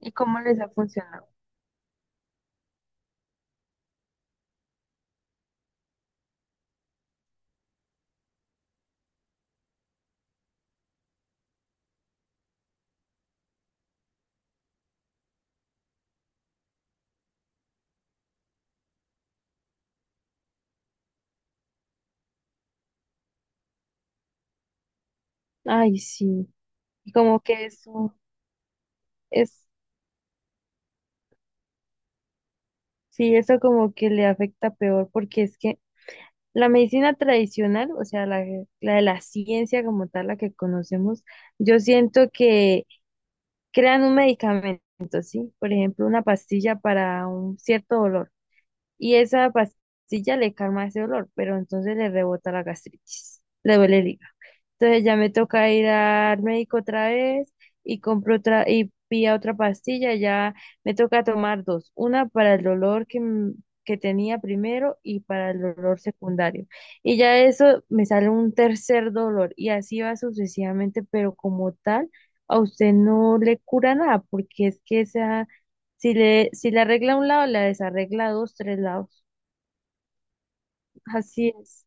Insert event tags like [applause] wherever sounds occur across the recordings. ¿Y cómo les ha funcionado? Ay, sí. Y como que eso es, sí, eso como que le afecta peor, porque es que la medicina tradicional, o sea, la de la ciencia como tal, la que conocemos, yo siento que crean un medicamento, ¿sí? Por ejemplo, una pastilla para un cierto dolor, y esa pastilla le calma ese dolor, pero entonces le rebota la gastritis, le duele el hígado. Entonces ya me toca ir al médico otra vez y compro otra y pilla otra pastilla, ya me toca tomar dos, una para el dolor que tenía primero y para el dolor secundario. Y ya eso me sale un tercer dolor y así va sucesivamente, pero como tal, a usted no le cura nada, porque es que esa, si le, si le arregla un lado, la desarregla dos, tres lados. Así es.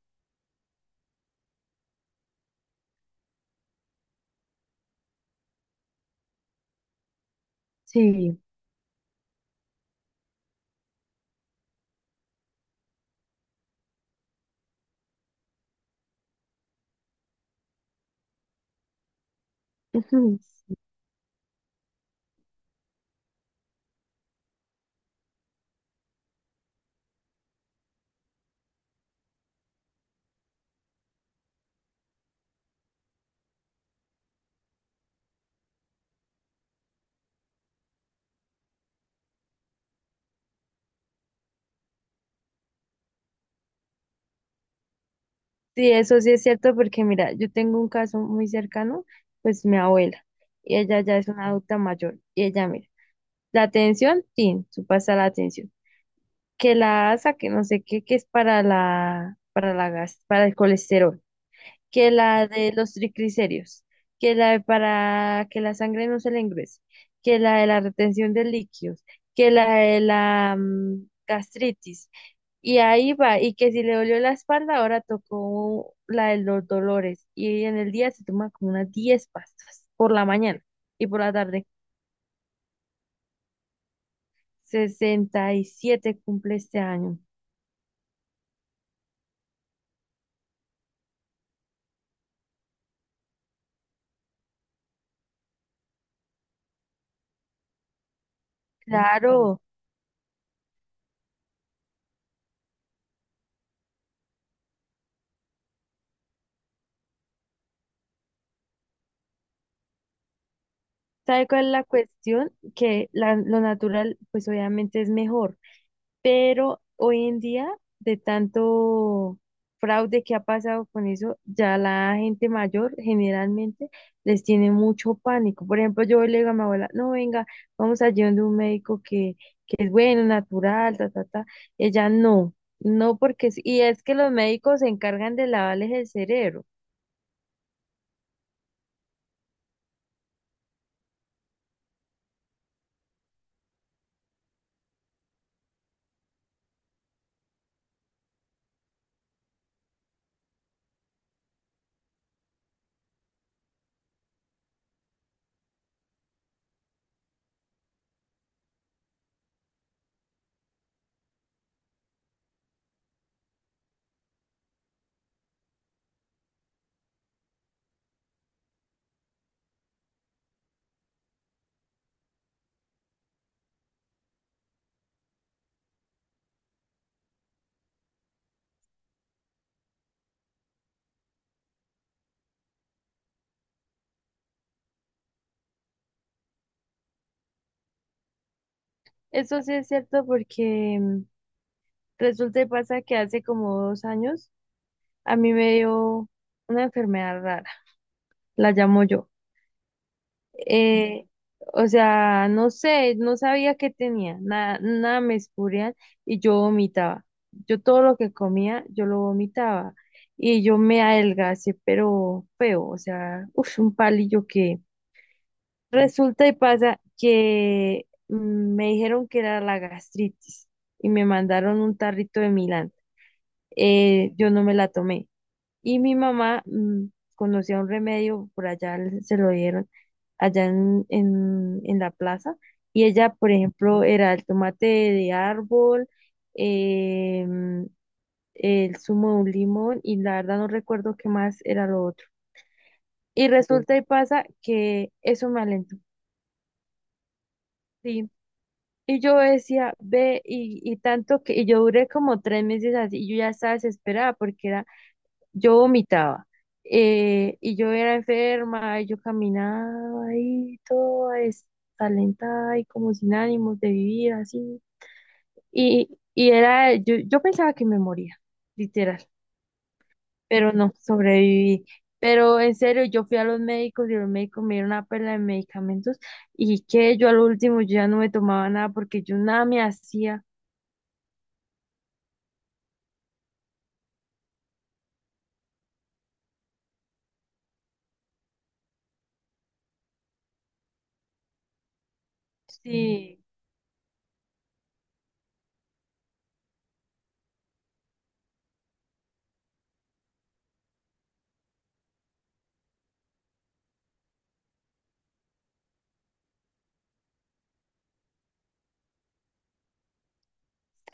Sí. [laughs] Sí, eso sí es cierto porque mira, yo tengo un caso muy cercano, pues mi abuela, y ella ya es una adulta mayor, y ella mira, la atención, tin, su pasa la atención, que la asa, que no sé qué, que es para la gas, para el colesterol, que la de los triglicéridos, que la de para que la sangre no se le engrese, que la de la retención de líquidos, que la de la gastritis. Y ahí va, y que si le dolió la espalda, ahora tocó la de los dolores. Y en el día se toma como unas 10 pastas por la mañana y por la tarde. 67 cumple este año. Claro, ¿sabe cuál es la cuestión? Que la- lo natural, pues obviamente es mejor. Pero hoy en día, de tanto fraude que ha pasado con eso, ya la gente mayor generalmente les tiene mucho pánico. Por ejemplo, yo le digo a mi abuela, no, venga, vamos allí donde un médico que es bueno, natural, ta, ta, ta. Ella no, no porque, y es que los médicos se encargan de lavarles el cerebro. Eso sí es cierto porque resulta y pasa que hace como 2 años a mí me dio una enfermedad rara, la llamo yo. Eh, o sea, no sé, no sabía qué tenía, nada, nada me escurrían y yo vomitaba. Yo todo lo que comía, yo lo vomitaba y yo me adelgacé, pero feo, o sea, uf, un palillo que resulta y pasa que me dijeron que era la gastritis y me mandaron un tarrito de Milán. Yo no me la tomé. Y mi mamá conocía un remedio, por allá se lo dieron, allá en la plaza. Y ella, por ejemplo, era el tomate de árbol, em, el zumo de un limón y la verdad no recuerdo qué más era lo otro. Y resulta y pasa que eso me alentó. Sí. Y yo decía, ve, y tanto que, y yo duré como 3 meses así, y yo ya estaba desesperada porque era yo vomitaba. Eh, y yo era enferma, y yo caminaba ahí toda destalentada y como sin ánimos de vivir así. Y era, yo pensaba que me moría, literal, pero no, sobreviví. Pero en serio, yo fui a los médicos y los médicos me dieron una perla de medicamentos y que yo al último yo ya no me tomaba nada porque yo nada me hacía. Sí.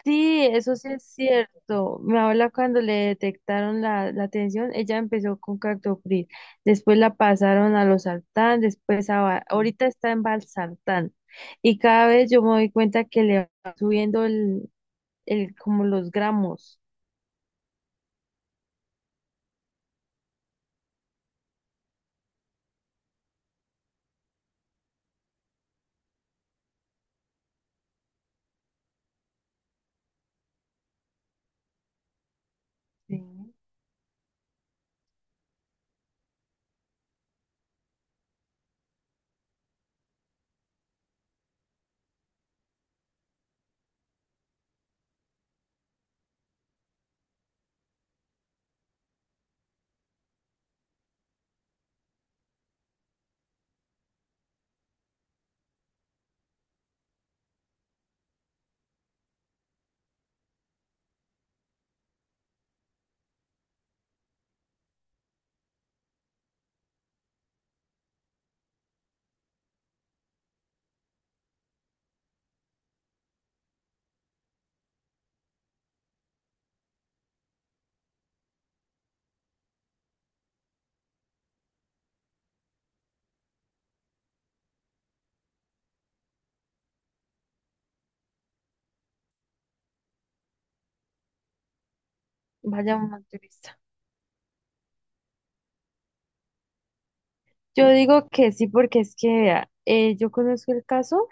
Sí, eso sí es cierto. Mi abuela cuando le detectaron la tensión, ella empezó con captopril, después la pasaron a los sartán, después a, va- ahorita está en valsartán y cada vez yo me doy cuenta que le va subiendo el como los gramos. Sí. Vaya un motorista. Yo digo que sí porque es que vea, yo conozco el caso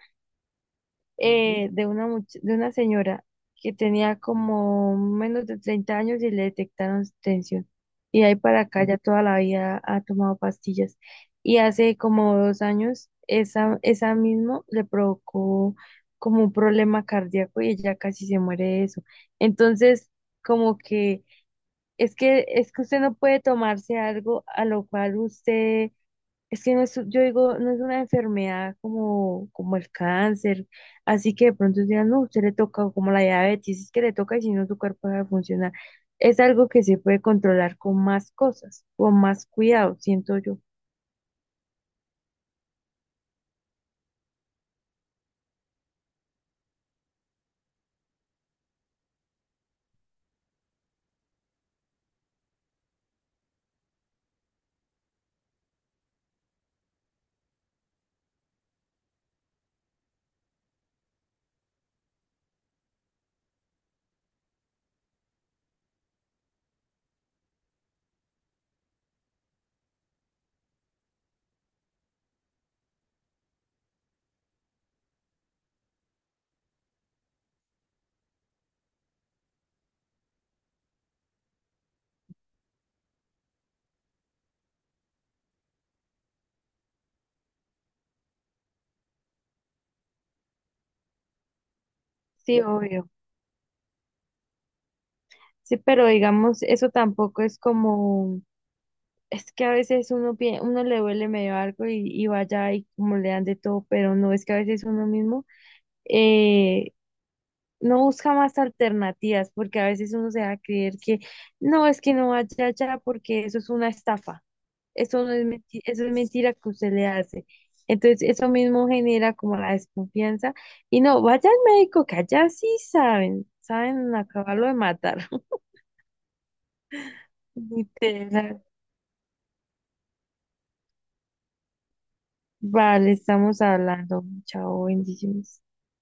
de una, de una señora que tenía como menos de 30 años y le detectaron tensión. Y ahí para acá ya toda la vida ha tomado pastillas. Y hace como 2 años, esa mismo le provocó como un problema cardíaco y ella casi se muere de eso. Entonces, como que es que usted no puede tomarse algo a lo cual usted es que no es, yo digo, no es una enfermedad como, como el cáncer, así que de pronto digan, no, usted le toca, o como la diabetes, es que le toca y si no su cuerpo va a funcionar. Es algo que se puede controlar con más cosas, con más cuidado, siento yo. Sí, obvio. Sí, pero digamos, eso tampoco es como, es que a veces uno, uno le duele medio algo y vaya y como le dan de todo, pero no, es que a veces uno mismo eh, no busca más alternativas, porque a veces uno se va a creer que no, es que no vaya allá porque eso es una estafa, eso no es mentira, eso es mentira que usted le hace. Entonces, eso mismo genera como la desconfianza y no, vaya al médico, que allá sí saben, saben acabarlo de matar. [laughs] Literal. Vale, estamos hablando. Chao, bendiciones.